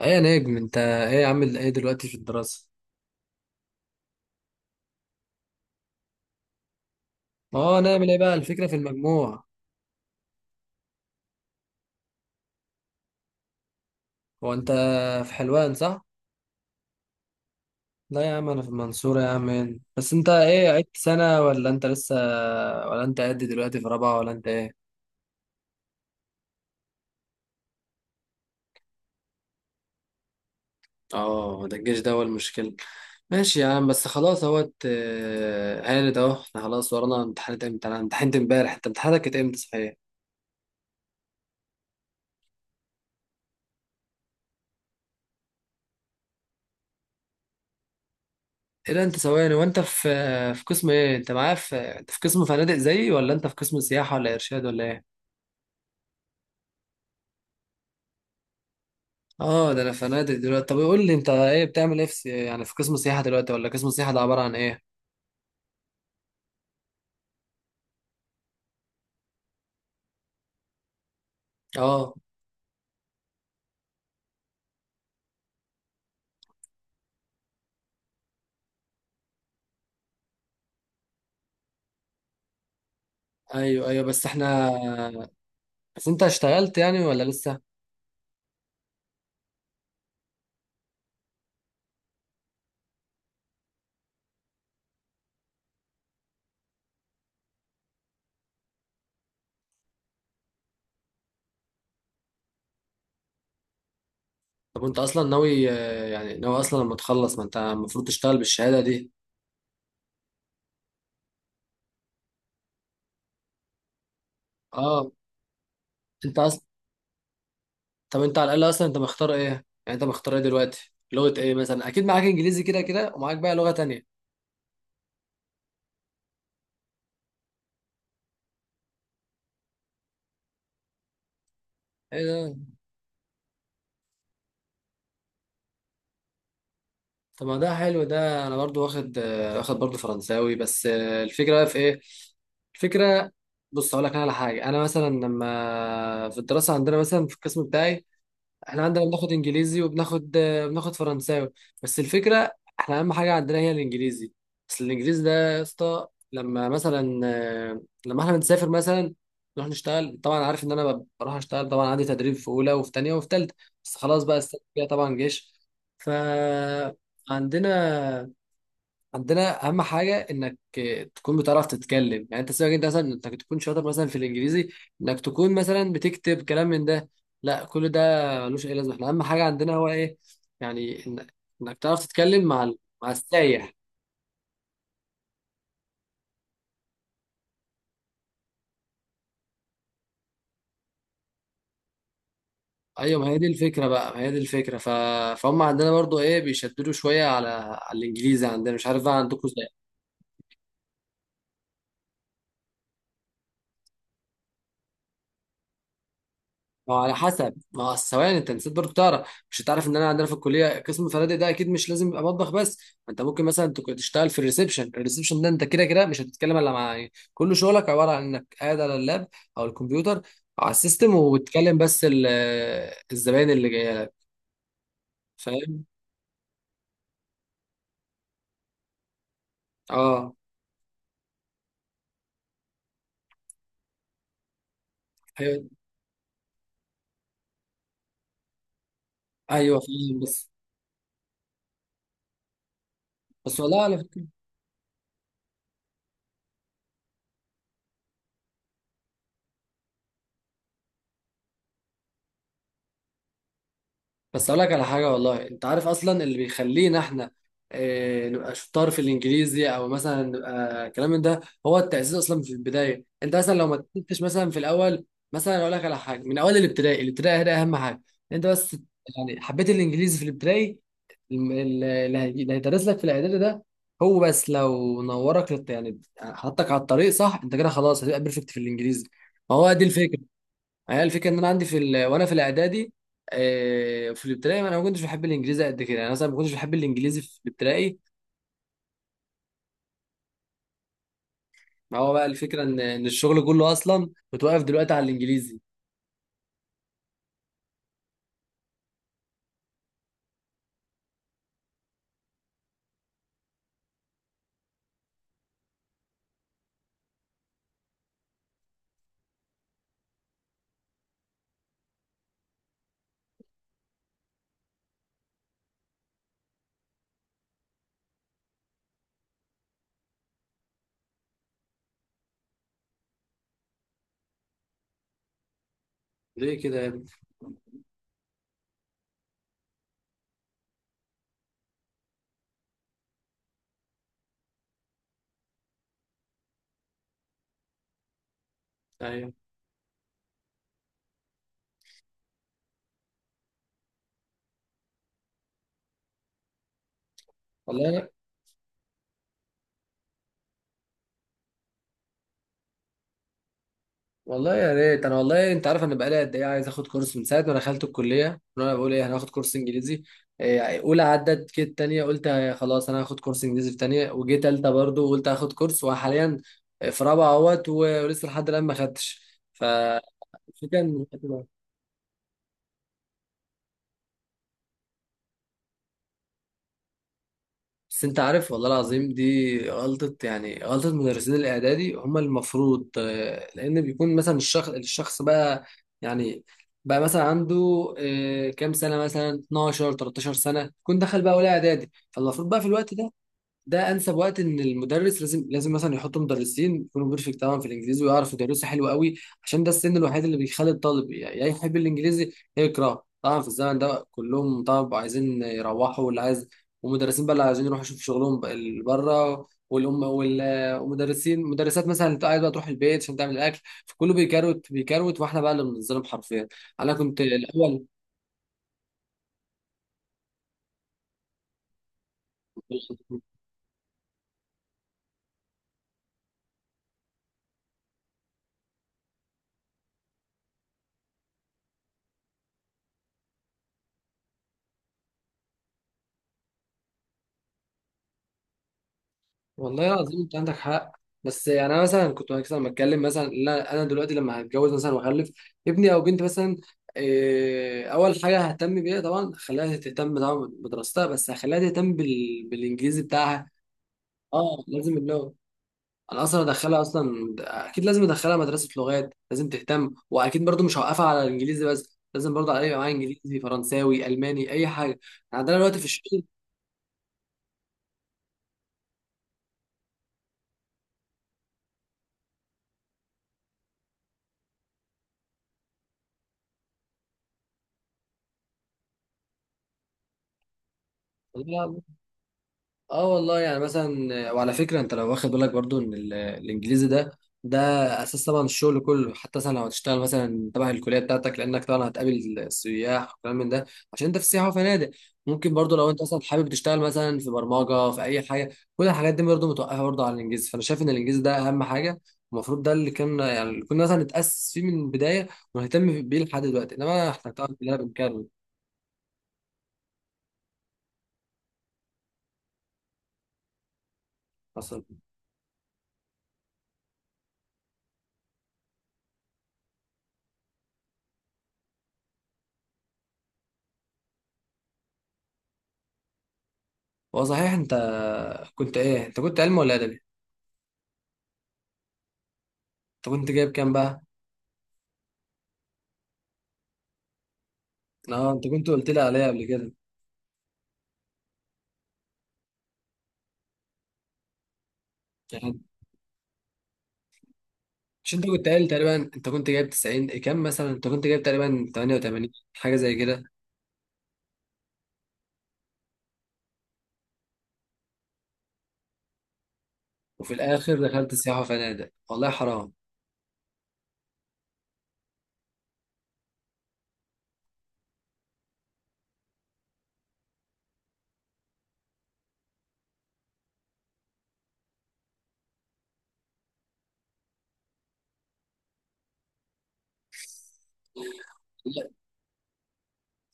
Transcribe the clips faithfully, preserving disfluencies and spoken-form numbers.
ايه يا نجم، انت ايه عامل ايه دلوقتي في الدراسة؟ اه، نعمل ايه بقى؟ الفكرة في المجموع. هو انت في حلوان صح؟ لا يا عم، انا في المنصورة يا عم. إيه، بس انت ايه؟ عدت سنة ولا انت لسه؟ ولا انت قد دلوقتي في رابعة ولا انت ايه؟ اه، ده الجيش ده هو المشكلة. ماشي يا عم، بس خلاص اهوت، آه، هانت اهو. احنا خلاص ورانا امتحانات. امتى؟ انا امتحنت امبارح. انت امتحاناتك كانت امتى صحيح؟ ايه ده، انت ثواني، وانت في في قسم ايه؟ انت معايا، في انت في قسم فنادق زيي، ولا انت في قسم سياحة ولا ارشاد ولا ايه؟ اه ده، انا فنادق دلوقتي. طب قول لي، انت ايه بتعمل ايه في سي- يعني في قسم السياحه دلوقتي؟ ولا قسم السياحه ده عباره عن ايه؟ اه، ايوه ايوه، بس احنا، بس انت اشتغلت يعني ولا لسه؟ طب انت اصلا ناوي، آه، يعني ناوي اصلا لما تخلص، ما انت المفروض تشتغل بالشهاده دي. اه انت اصلا، طب انت على الاقل اصلا انت مختار ايه يعني؟ انت مختار ايه دلوقتي؟ لغه ايه مثلا؟ اكيد معاك انجليزي كده كده، ومعاك بقى لغه تانية. ايه ده، طب ما ده حلو ده، انا برضو واخد، آه، واخد برضو فرنساوي بس. آه، الفكره بقى في ايه؟ الفكره، بص اقول لك انا على حاجه. انا مثلا لما في الدراسه عندنا، مثلا في القسم بتاعي، احنا عندنا بناخد انجليزي وبناخد، آه، بناخد فرنساوي. بس الفكره، احنا اهم حاجه عندنا هي الانجليزي. بس الانجليزي ده يا اسطى، لما مثلا، آه، لما احنا بنسافر مثلا نروح نشتغل، طبعا عارف ان انا بروح اشتغل، طبعا عندي تدريب في اولى وفي تانية وفي تالتة. بس خلاص بقى، السنه الجايه طبعا جيش. ف عندنا، عندنا اهم حاجه انك تكون بتعرف تتكلم. يعني انت سيبك انت، مثلا انك تكون شاطر مثلا في الانجليزي، انك تكون مثلا بتكتب كلام من ده، لا كل ده ملوش اي لازمه. احنا اهم حاجه عندنا هو ايه؟ يعني إن- انك تعرف تتكلم مع ال- مع السايح. ايوه ما هي دي الفكره بقى، ما هي دي الفكره، ف... فهم عندنا برضو ايه، بيشددوا شويه على على الانجليزي عندنا. مش عارف بقى عندكم. ما هو على حسب، ما هو ثواني، انت نسيت برضه تعرف، مش هتعرف ان انا عندنا في الكليه قسم الفنادق ده، اكيد مش لازم يبقى مطبخ بس. ما انت ممكن مثلا تك- تشتغل في الريسبشن. الريسبشن ده انت كده كده مش هتتكلم الا مع، يعني كل شغلك عباره عن انك قاعد على اللاب او الكمبيوتر او على السيستم، وبتكلم بس ال- الزباين اللي جايه لك، فاهم؟ اه، ايوه ايوه فاهم بس، بس والله على، بس اقول لك على حاجه والله. انت عارف اصلا اللي بيخلينا احنا آه، نبقى شطار في الانجليزي، او مثلا نبقى الكلام من ده، هو التاسيس اصلا في البدايه. انت مثلا لو ما تأسستش مثلا في الاول، مثلا اقول لك على حاجه، من اول الابتدائي. الابتدائي ده اهم حاجه انت بس، يعني حبيت الانجليزي في الابتدائي، الم- ال- اللي هيجي- اللي هيدرس لك في الاعدادي ده، هو بس لو نورك للت- يعني حطك على الطريق صح، انت كده خلاص هتبقى بيرفكت في الانجليزي. ما هو دي الفكره. يعني انا الفكره ان انا عندي في ال... وانا في الاعدادي، آه، في الابتدائي انا ما كنتش بحب الانجليزي قد كده. يعني مثلا ما كنتش بحب الانجليزي في الابتدائي. ما هو بقى الفكره ان ان الشغل كله اصلا متوقف دلوقتي على الانجليزي. ليه كده يا ابني؟ ايوه، والله. والله يا ريت، انا والله، انت عارف انا بقالي قد ايه عايز اخد كورس؟ من ساعه ما دخلت الكليه وانا بقول ايه، هناخد كورس انجليزي. آه، اولى عدت كده، تانية قلت، آه، خلاص انا هاخد كورس انجليزي في تانية، وجيت تالتة برضه قلت هاخد كورس، وحاليا في رابعه اهوت، و ولسه لحد الان ما خدتش. ف الفكره ان الحتة دي، بس انت عارف والله العظيم دي غلطة، يعني غلطة مدرسين الإعدادي. هم المفروض، آه، لأن بيكون مثلا الشخص، الشخص بقى يعني بقى مثلا عنده، آه، كام سنة؟ مثلا اتناشر تلتاشر سنة يكون دخل بقى أولى إعدادي. فالمفروض بقى في الوقت ده، ده انسب وقت ان المدرس لازم لازم مثلا يحطوا مدرسين يكونوا بيرفكت طبعا في الانجليزي، ويعرفوا يدرسوا حلو قوي، عشان ده السن الوحيد اللي بيخلي الطالب يا يا يحب الانجليزي يا يكرهه. طبعا في الزمن ده كلهم طبعا عايزين يروحوا، واللي عايز، ومدرسين بقى اللي عايزين يروحوا يشوفوا شغلهم بقى اللي بره، والام وال- ومدرسين مدرسات مثلا اللي عايز بقى تروح البيت عشان تعمل الاكل، فكله بيكروت بيكروت، واحنا بقى اللي بنتظلم حرفيا. انا كنت الاول، والله العظيم انت عندك حق. بس يعني انا مثلا كنت مثلا بتكلم مثلا، لا انا أنا دلوقتي لما هتجوز مثلا واخلف ابني او بنتي مثلا، إيه، اول حاجه ههتم بيها طبعا خليها تهتم طبعا بدراستها، بس هخليها تهتم بال... بالانجليزي بتاعها. اه لازم اللغه. انا اصلا ادخلها اصلا، اكيد لازم ادخلها مدرسه لغات، لازم تهتم، واكيد برضو مش هوقفها على الانجليزي بس، لازم برضو عليها معايا انجليزي فرنساوي الماني اي حاجه يعني. عندنا دلوقتي في الشغل، اه والله يعني مثلا. وعلى فكره انت لو واخد بالك برضو ان ال- الانجليزي ده، ده اساس طبعا الشغل كله. حتى مثلا لو هتشتغل مثلا تبع الكليه بتاعتك، لانك طبعا هتقابل سياح وكلام من ده، عشان انت في سياحه وفنادق. ممكن برضو لو انت مثلا حابب تشتغل مثلا في برمجه في اي حاجه، كل الحاجات دي برضو متوقفه برضو على الانجليزي. فانا شايف ان الانجليزي ده اهم حاجه. المفروض ده اللي كان يعني، اللي كنا مثلا نتاسس فيه من البدايه، ونهتم بيه لحد دلوقتي، انما احنا طبعا كلنا بنكرر اصلا. هو صحيح انت كنت ايه؟ انت كنت علم ولا ادبي؟ انت كنت جايب كام بقى؟ اه، انت كنت قلت لي عليها قبل كده يعني. مش انت كنت قايل تقريبا انت كنت جايب تسعين؟ إيه كام مثلا؟ انت كنت جايب تقريبا تمانية وتمانين حاجه زي كده. وفي الاخر دخلت سياحه وفنادق، والله حرام. لا،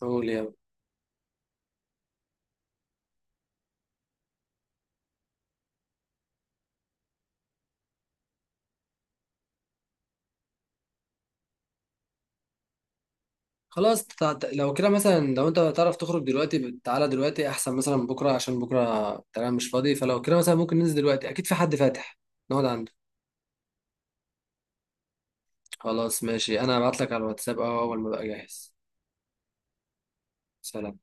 قول يا. خلاص تع- تع- لو كده مثلا، لو انت تعرف تخرج دلوقتي، تعالى دلوقتي احسن مثلا من بكره، عشان بكره تمام مش فاضي. فلو كده مثلا ممكن ننزل دلوقتي، اكيد في حد فاتح نقعد عنده. خلاص ماشي، انا هبعت لك على الواتساب اهو اول ما بقى جاهز. سلام.